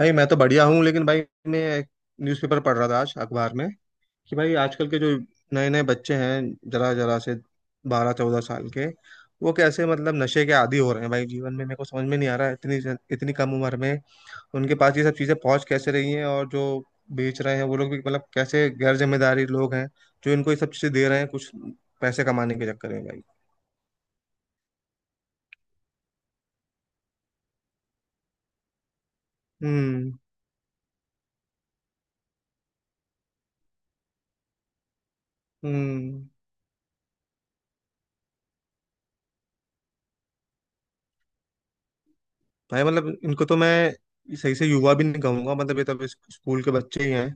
भाई मैं तो बढ़िया हूँ लेकिन भाई मैं एक न्यूज़पेपर पढ़ रहा था आज अखबार में। कि भाई आजकल के जो नए नए बच्चे हैं, जरा जरा से 12-14 साल के, वो कैसे मतलब नशे के आदी हो रहे हैं भाई जीवन में। मेरे को समझ में नहीं आ रहा है इतनी इतनी कम उम्र में उनके पास ये सब चीज़ें पहुंच कैसे रही हैं। और जो बेच रहे हैं वो लोग भी मतलब कैसे गैर जिम्मेदारी लोग हैं जो इनको ये सब चीज़ें दे रहे हैं कुछ पैसे कमाने के चक्कर में भाई। हम्म। हम्म। भाई मतलब इनको तो मैं सही से युवा भी नहीं कहूंगा, मतलब ये तो अभी स्कूल के बच्चे ही हैं,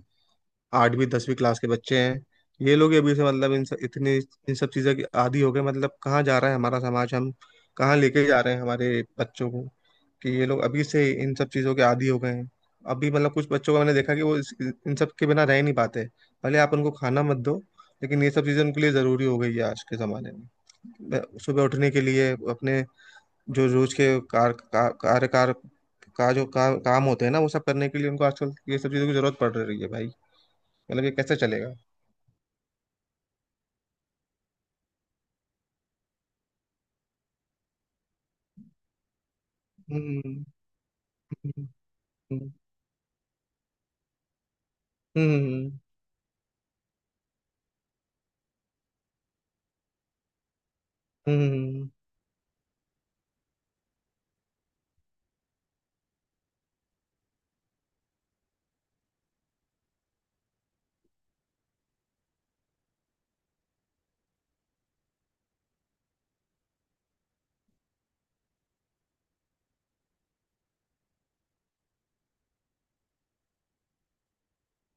8वीं 10वीं क्लास के बच्चे हैं। ये लोग ही अभी से मतलब इन सब चीज़ों की आदी हो गए। मतलब कहाँ जा रहा है हमारा समाज, हम कहाँ लेके जा रहे हैं हमारे बच्चों को, कि ये लोग अभी से इन सब चीज़ों के आदी हो गए हैं। अभी मतलब कुछ बच्चों का मैंने देखा कि वो इन सब के बिना रह ही नहीं पाते। भले आप उनको खाना मत दो, लेकिन ये सब चीज़ें उनके लिए ज़रूरी हो गई है आज के ज़माने में। सुबह उठने के लिए अपने, जो रोज के कार का, कार्यकार का जो का, काम होते हैं ना, वो सब करने के लिए उनको आजकल ये सब चीज़ों की ज़रूरत पड़ रही है भाई। मतलब ये कैसे चलेगा। हम्म। हम्म। हम्म। हम्म, हम्म।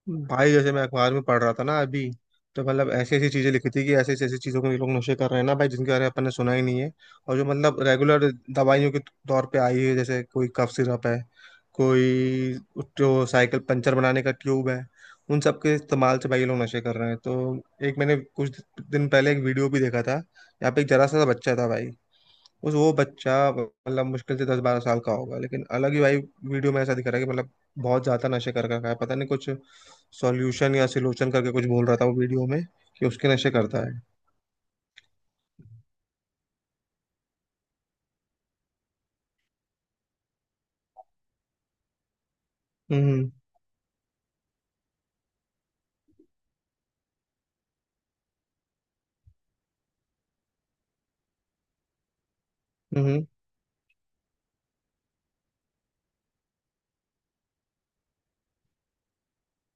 भाई जैसे मैं अखबार में पढ़ रहा था ना अभी, तो मतलब ऐसी ऐसी चीजें लिखी थी कि ऐसी ऐसी चीजों को ये लोग नशे कर रहे हैं ना भाई, जिनके बारे में अपन ने सुना ही नहीं है। और जो मतलब रेगुलर दवाइयों के तौर पे आई है, जैसे कोई कफ सिरप है, कोई जो साइकिल पंचर बनाने का ट्यूब है, उन सब के इस्तेमाल से भाई ये लोग नशे कर रहे हैं। तो एक मैंने कुछ दिन पहले एक वीडियो भी देखा था, यहाँ पे एक जरा सा बच्चा था भाई। उस वो बच्चा मतलब मुश्किल से 10-12 साल का होगा, लेकिन अलग ही भाई वीडियो में ऐसा दिख रहा है कि मतलब बहुत ज्यादा नशे कर रखा है, पता नहीं कुछ सॉल्यूशन या सिलोचन करके कुछ बोल रहा था वो वीडियो में कि उसके नशे करता है। हम्म। हम्म। हम्म।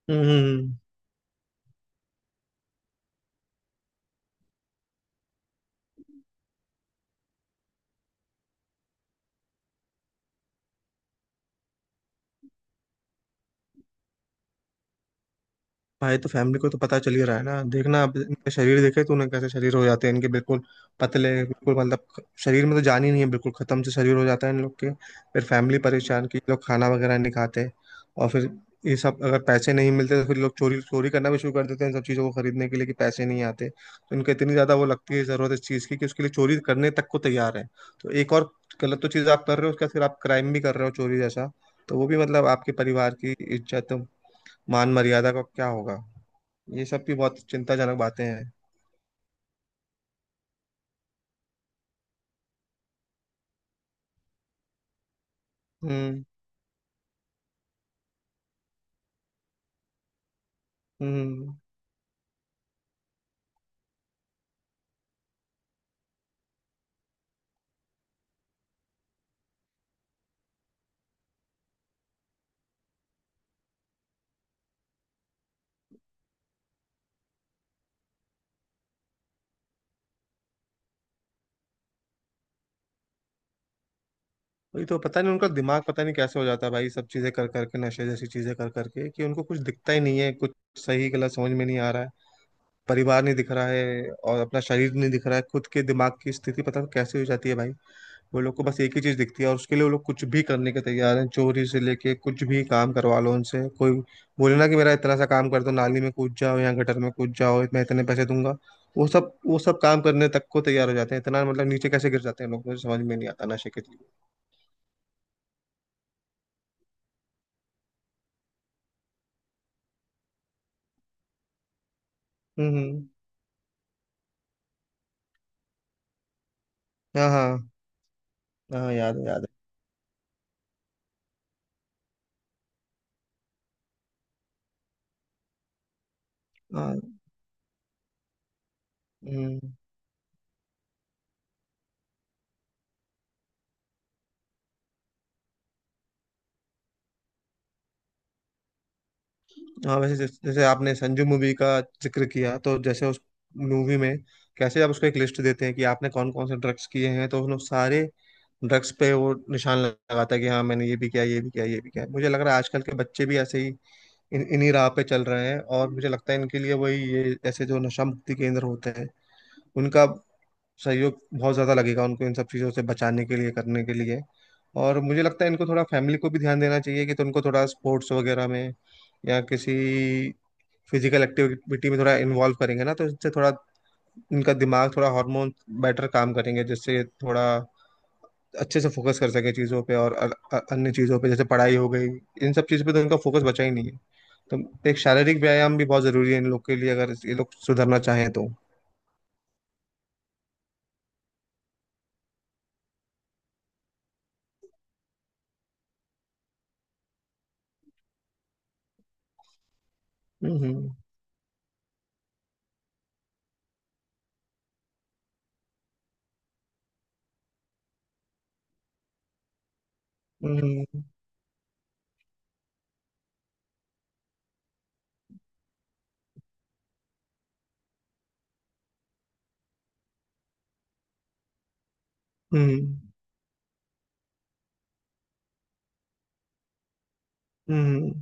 हम्म, हम्म, हम्म। भाई तो फैमिली को तो पता चल ही रहा है ना। देखना अब इनका शरीर, देखे तूने कैसे शरीर हो जाते हैं इनके, बिल्कुल पतले, बिल्कुल मतलब शरीर में तो जान ही नहीं है, बिल्कुल खत्म से शरीर हो जाता है इन लोग के। फिर फैमिली परेशान की लोग खाना वगैरह नहीं खाते, और फिर ये सब अगर पैसे नहीं मिलते तो फिर लोग चोरी चोरी करना भी शुरू कर देते हैं इन सब चीज़ों को खरीदने के लिए, कि पैसे नहीं आते तो इनको इतनी ज़्यादा वो लगती है ज़रूरत इस चीज़ की कि उसके लिए चोरी करने तक को तैयार है। तो एक और गलत तो चीज़ आप कर रहे हो, उसके बाद फिर आप क्राइम भी कर रहे हो चोरी जैसा। तो वो भी मतलब आपके परिवार की इज्जत मान मर्यादा का क्या होगा, ये सब भी बहुत चिंताजनक बातें हैं। हम्म। हम्म। वही तो, पता नहीं उनका दिमाग पता नहीं कैसे हो जाता है भाई, सब चीजें कर करके, नशे जैसी चीजें कर करके, कि उनको कुछ दिखता ही नहीं है, कुछ सही गलत समझ में नहीं आ रहा है, परिवार नहीं दिख रहा है और अपना शरीर नहीं दिख रहा है, खुद के दिमाग की स्थिति पता नहीं कैसे हो जाती है भाई। वो लोग को बस एक ही चीज दिखती है और उसके लिए वो लोग कुछ भी करने के तैयार हैं, चोरी से लेके कुछ भी काम करवा लो उनसे, कोई बोले ना कि मेरा इतना सा काम कर दो, नाली में कूद जाओ या गटर में कूद जाओ मैं इतने पैसे दूंगा, वो सब काम करने तक को तैयार हो जाते हैं। इतना मतलब नीचे कैसे गिर जाते हैं लोग, मुझे समझ में नहीं आता नशे के लिए। हम्म। हम्म। हाँ, हाँ। हाँ याद है, याद है। हाँ। हम्म। हाँ वैसे, जैसे जैसे आपने संजू मूवी का जिक्र किया, तो जैसे उस मूवी में कैसे आप उसको एक लिस्ट देते हैं कि आपने कौन कौन से ड्रग्स किए हैं, तो उन्होंने सारे ड्रग्स पे वो निशान लगाता है कि हाँ मैंने ये भी किया, ये भी किया, ये भी किया, मुझे लग रहा है आजकल के बच्चे भी ऐसे ही इन्हीं राह पे चल रहे हैं। और मुझे लगता है इनके लिए वही, ये ऐसे जो नशा मुक्ति केंद्र होते हैं, उनका सहयोग बहुत ज्यादा लगेगा उनको इन सब चीजों से बचाने के लिए, करने के लिए। और मुझे लगता है इनको थोड़ा, फैमिली को भी ध्यान देना चाहिए कि तो उनको थोड़ा स्पोर्ट्स वगैरह में या किसी फिजिकल एक्टिविटी में थोड़ा इन्वॉल्व करेंगे ना, तो इससे थोड़ा उनका दिमाग, थोड़ा हार्मोन बेटर काम करेंगे, जिससे थोड़ा अच्छे से फोकस कर सके चीज़ों पे और अन्य चीज़ों पे, जैसे पढ़ाई हो गई, इन सब चीज़ों पे तो उनका फोकस बचा ही नहीं है। तो एक शारीरिक व्यायाम भी बहुत ज़रूरी है इन लोग के लिए, अगर ये लोग सुधरना चाहें तो। हम्म। हम्म। हम्म। हम्म। हम्म।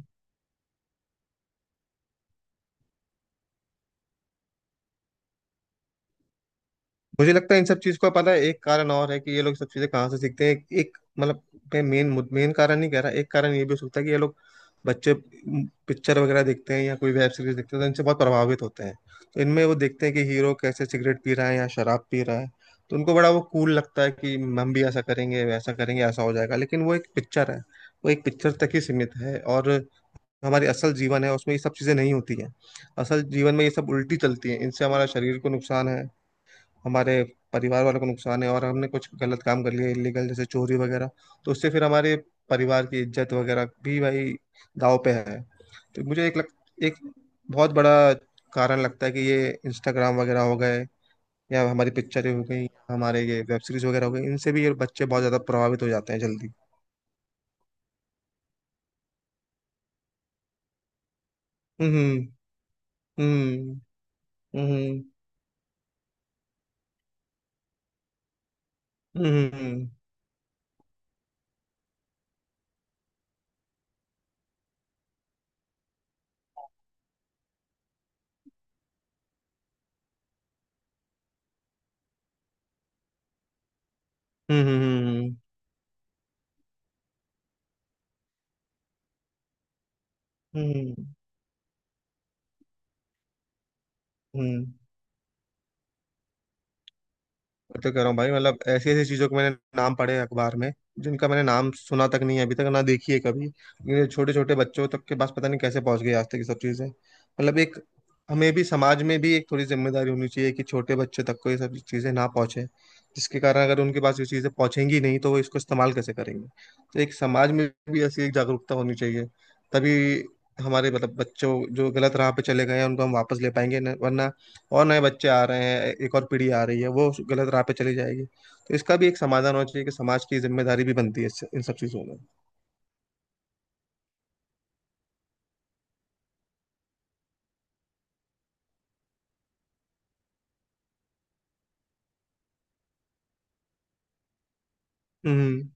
मुझे लगता है इन सब चीज का, पता है एक कारण और है कि ये लोग सब चीजें कहाँ से सीखते हैं। एक मतलब मैं मेन मेन कारण नहीं कह रहा, एक कारण ये भी हो सकता है कि ये लोग, बच्चे, पिक्चर वगैरह देखते हैं या कोई वेब सीरीज देखते हैं तो इनसे बहुत प्रभावित होते हैं। तो इनमें वो देखते हैं कि हीरो कैसे सिगरेट पी रहा है या शराब पी रहा है, तो उनको बड़ा वो कूल लगता है कि हम भी ऐसा करेंगे वैसा करेंगे, ऐसा हो जाएगा। लेकिन वो एक पिक्चर है, वो एक पिक्चर तक ही सीमित है। और हमारी असल जीवन है, उसमें ये सब चीजें नहीं होती हैं। असल जीवन में ये सब उल्टी चलती हैं, इनसे हमारा शरीर को नुकसान है, हमारे परिवार वालों को नुकसान है, और हमने कुछ गलत काम कर लिया इलीगल जैसे चोरी वगैरह, तो उससे फिर हमारे परिवार की इज्जत वगैरह भी भाई दाव पे है। तो मुझे एक बहुत बड़ा कारण लगता है कि ये इंस्टाग्राम वगैरह हो गए या हमारी पिक्चरें हो गई, हमारे ये वेब सीरीज वगैरह हो गई, इनसे भी ये बच्चे बहुत ज्यादा प्रभावित हो जाते हैं जल्दी। हम्म। हम्म। हम्म। हम्म। हम्म। हम्म। हम्म। हम्म। हम्म, हम्म, मैं तो कह रहा हूँ भाई मतलब ऐसी ऐसी चीजों के मैंने नाम पढ़े हैं अखबार में जिनका मैंने नाम सुना तक नहीं है अभी तक, ना देखी है कभी, ये छोटे छोटे बच्चों तक के पास पता नहीं कैसे पहुंच गई आज तक ये सब चीजें, मतलब एक, हमें भी समाज में भी एक थोड़ी जिम्मेदारी होनी चाहिए कि छोटे बच्चे तक को ये सब चीजें ना पहुंचे, जिसके कारण, अगर उनके पास ये चीजें पहुंचेंगी नहीं तो वो इसको इस्तेमाल कैसे करेंगे। तो एक समाज में भी ऐसी एक जागरूकता होनी चाहिए, तभी हमारे मतलब बच्चों जो गलत राह पे चले गए हैं उनको हम वापस ले पाएंगे, वरना और नए बच्चे आ रहे हैं, एक और पीढ़ी आ रही है वो गलत राह पे चली जाएगी। तो इसका भी एक समाधान होना चाहिए, कि समाज की जिम्मेदारी भी बनती है इन सब चीज़ों में। हम्म।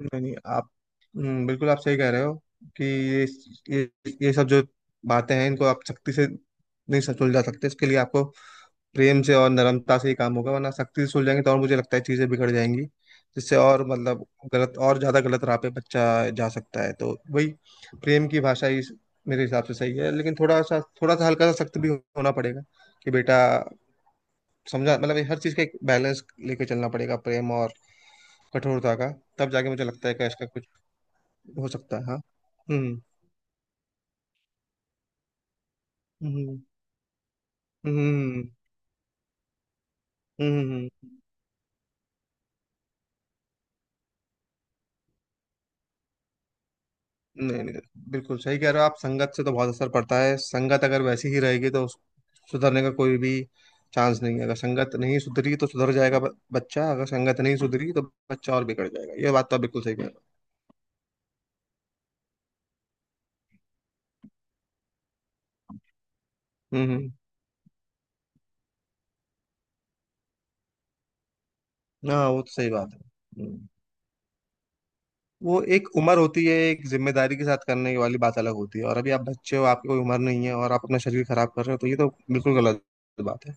नहीं नहीं आप। बिल्कुल आप सही कह रहे हो कि ये ये सब जो बातें हैं, इनको आप सख्ती से नहीं सुलझा सकते, इसके लिए आपको प्रेम से और नरमता से ही काम होगा, वरना सख्ती से सुलझाएंगे तो और मुझे लगता है चीजें बिगड़ जाएंगी, जिससे और मतलब गलत और ज्यादा गलत राह पे बच्चा जा सकता है। तो वही प्रेम की भाषा ही मेरे हिसाब से सही है, लेकिन थोड़ा सा हल्का सा सख्त भी होना पड़ेगा कि बेटा समझा, मतलब ये हर चीज का एक बैलेंस लेके चलना पड़ेगा, प्रेम और कठोरता का। तब जाके मुझे लगता है कि इसका कुछ हो सकता है। हाँ। हम्म। हम्म। हम्म। हम्म। हम्म, हम्म, हम्म। नहीं नहीं, बिल्कुल सही कह रहे हो आप, संगत से तो बहुत असर पड़ता है, संगत अगर वैसी ही रहेगी तो सुधरने का कोई भी चांस नहीं है, अगर संगत नहीं सुधरी तो सुधर जाएगा बच्चा, अगर संगत नहीं सुधरी तो बच्चा और बिगड़ जाएगा, ये बात तो आप बिल्कुल सही कह रहे हो। हम्म। हाँ वो तो सही बात है। हम्म। वो एक उम्र होती है, एक जिम्मेदारी के साथ करने की वाली बात अलग होती है, और अभी आप बच्चे हो, आपकी कोई उम्र नहीं है और आप अपना शरीर खराब कर रहे हो, तो ये तो बिल्कुल गलत बात है।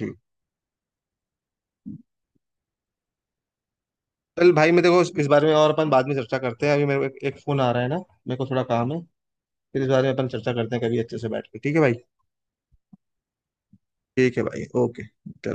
जी। चल भाई मैं, देखो इस बारे में और अपन बाद में चर्चा करते हैं, अभी मेरे को एक फोन आ रहा है ना, मेरे को थोड़ा काम है। फिर इस बारे में अपन चर्चा करते हैं कभी अच्छे से बैठ के। ठीक है भाई। ठीक है भाई, ओके, चलो।